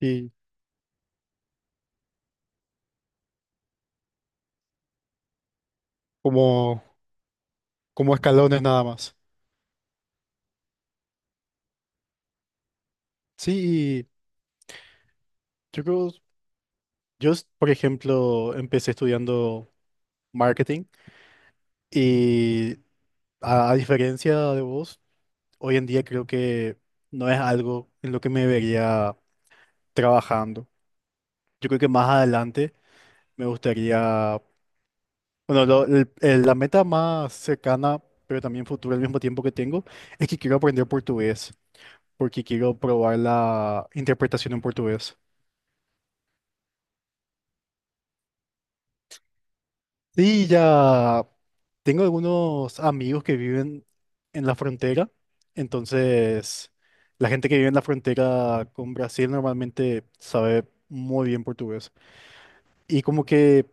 Sí, como, como escalones nada más. Sí, y yo creo, yo, s- por ejemplo, empecé estudiando marketing y a diferencia de vos, hoy en día creo que no es algo en lo que me vería trabajando. Yo creo que más adelante me gustaría, bueno, lo- el- la meta más cercana, pero también futura al mismo tiempo que tengo, es que quiero aprender portugués, porque quiero probar la interpretación en portugués. Sí, ya. Tengo algunos amigos que viven en la frontera, entonces la gente que vive en la frontera con Brasil normalmente sabe muy bien portugués. Y como que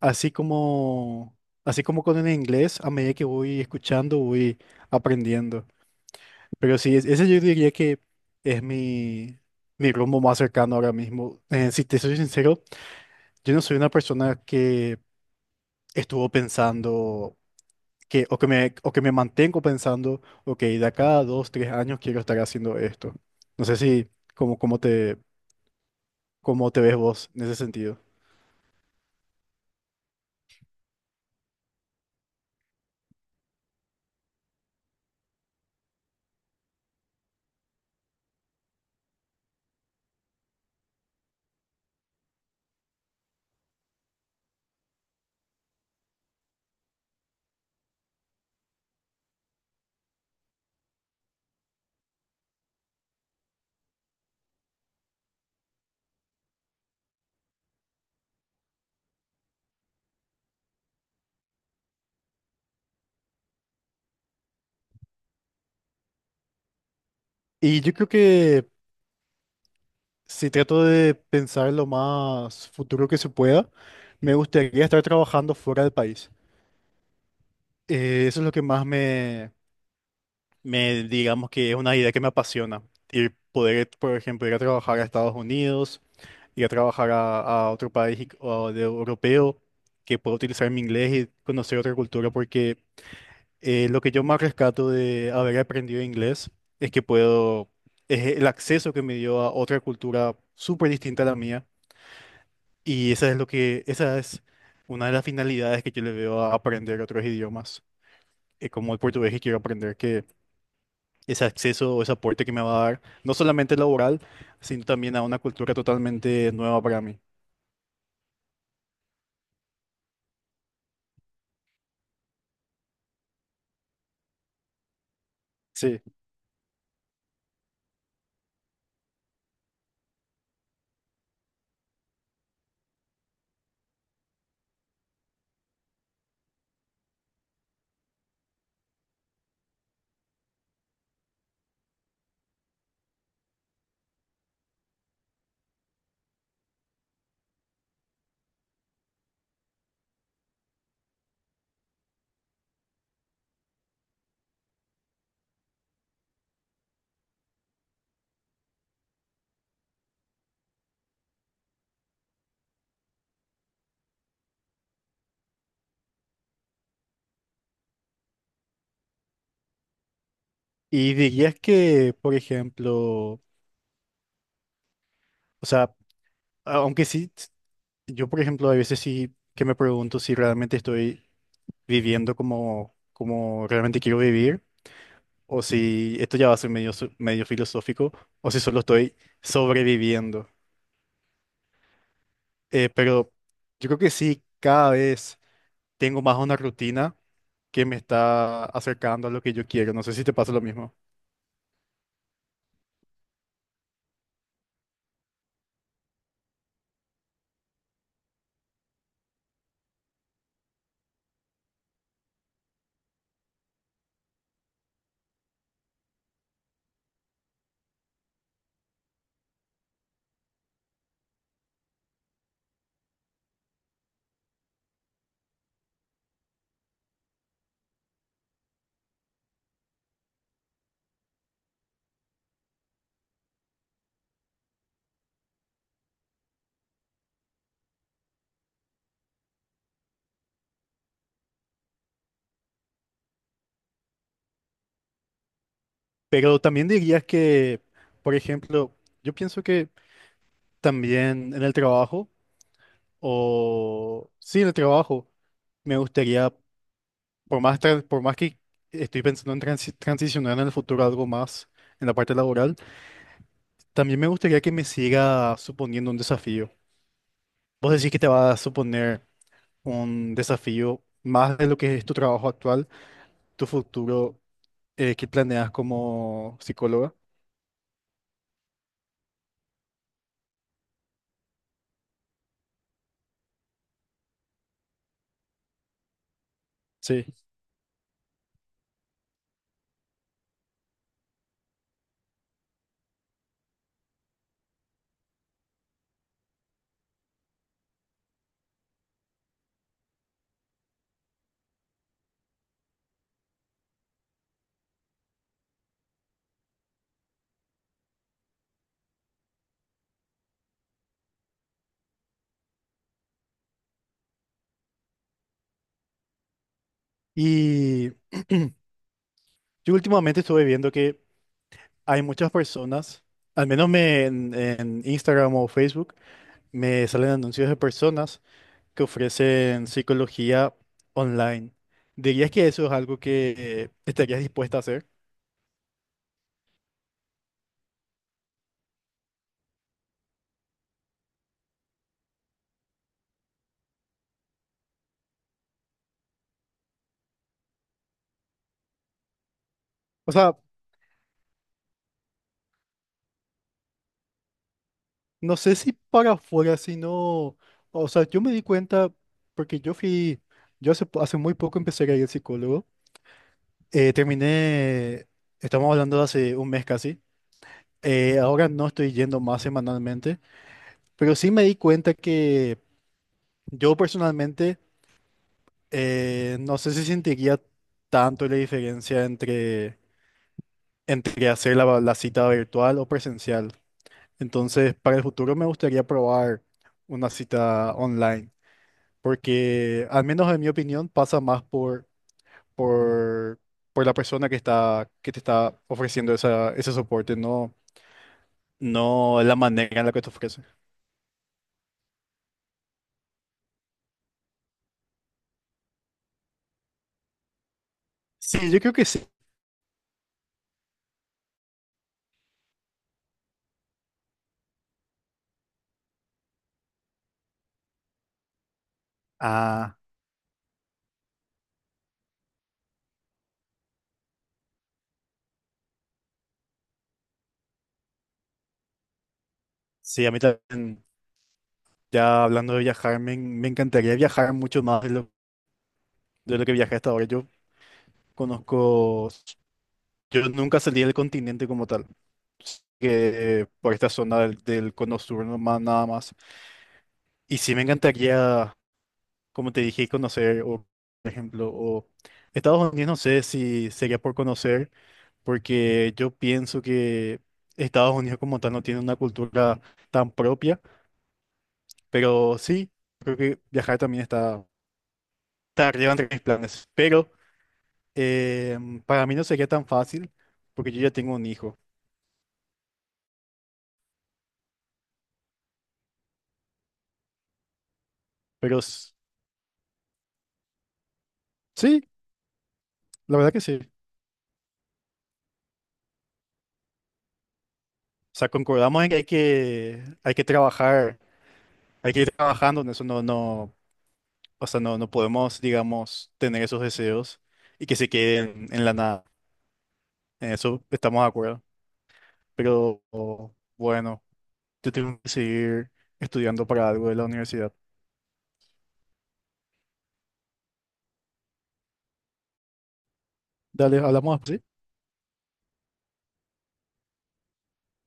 así como así como con el inglés, a medida que voy escuchando, voy aprendiendo. Pero sí, es- ese yo diría que es mi rumbo más cercano ahora mismo. Si te soy sincero, yo no soy una persona que estuvo pensando que, o que me mantengo pensando, ok, de acá a dos, tres años quiero estar haciendo esto. No sé si, cómo, cómo te ves vos en ese sentido. Y yo creo que si trato de pensar lo más futuro que se pueda, me gustaría estar trabajando fuera del país. Eso es lo que más me, me, digamos que es una idea que me apasiona. Y poder, por ejemplo, ir a trabajar a Estados Unidos, ir a trabajar a otro país y- o de europeo que pueda utilizar mi inglés y conocer otra cultura, porque lo que yo más rescato de haber aprendido inglés es que puedo, es el acceso que me dio a otra cultura súper distinta a la mía, y esa es lo que, esa es una de las finalidades que yo le veo a aprender otros idiomas, como el portugués que quiero aprender, que ese acceso o ese aporte que me va a dar, no solamente laboral, sino también a una cultura totalmente nueva para mí. Sí. Y dirías que, por ejemplo, o sea, aunque sí, s- yo por ejemplo, a veces sí que me pregunto si realmente estoy viviendo como, como realmente quiero vivir, o si esto ya va a ser medio, so- medio filosófico, o si solo estoy sobreviviendo. Pero yo creo que sí, cada vez tengo más una rutina que me está acercando a lo que yo quiero. No sé si te pasa lo mismo. Pero también dirías que, por ejemplo, yo pienso que también en el trabajo. O sí, el trabajo. Me gustaría, por más, tra- por más que estoy pensando en transi- transicionar en el futuro a algo más en la parte laboral, también me gustaría que me siga suponiendo un desafío. Vos decís que te va a suponer un desafío más de lo que es tu trabajo actual, tu futuro que planeas como psicóloga. Sí. Y yo últimamente estuve viendo que hay muchas personas, al menos me- en Instagram o Facebook, me salen anuncios de personas que ofrecen psicología online. ¿Dirías que eso es algo que estarías dispuesta a hacer? O sea, no sé si para afuera, sino, o sea, yo me di cuenta porque yo fui, yo hace, po- hace muy poco empecé a ir al psicólogo. Terminé, estamos hablando de hace un mes casi. Ahora no estoy yendo más semanalmente, pero sí me di cuenta que yo personalmente no sé si sentiría tanto la diferencia entre, entre hacer la, la cita virtual o presencial. Entonces, para el futuro me gustaría probar una cita online, porque al menos en mi opinión pasa más por, por la persona que está, que te está ofreciendo esa, ese soporte, no, no la manera en la que te ofrece. Sí, yo creo que sí. Ah, sí, a mí también, ya hablando de viajar, me, en- me encantaría viajar mucho más de lo que viajé hasta ahora. Yo conozco, yo nunca salí del continente como tal, que por esta zona del, del cono sur nomás, nada más. Y sí me encantaría, como te dije, conocer, o, por ejemplo, o Estados Unidos, no sé si sería por conocer, porque yo pienso que Estados Unidos como tal no tiene una cultura tan propia, pero sí, creo que viajar también está, está arriba entre mis planes. Pero para mí no sería tan fácil, porque yo ya tengo un hijo, pero s- sí. La verdad que sí. O sea, concordamos en que hay que, hay que trabajar, hay que ir trabajando en eso, no, no, o sea, no, no podemos, digamos, tener esos deseos y que se queden en la nada. En eso estamos de acuerdo. Pero bueno, yo tengo que seguir estudiando para algo de la universidad. Dale, hablamos así.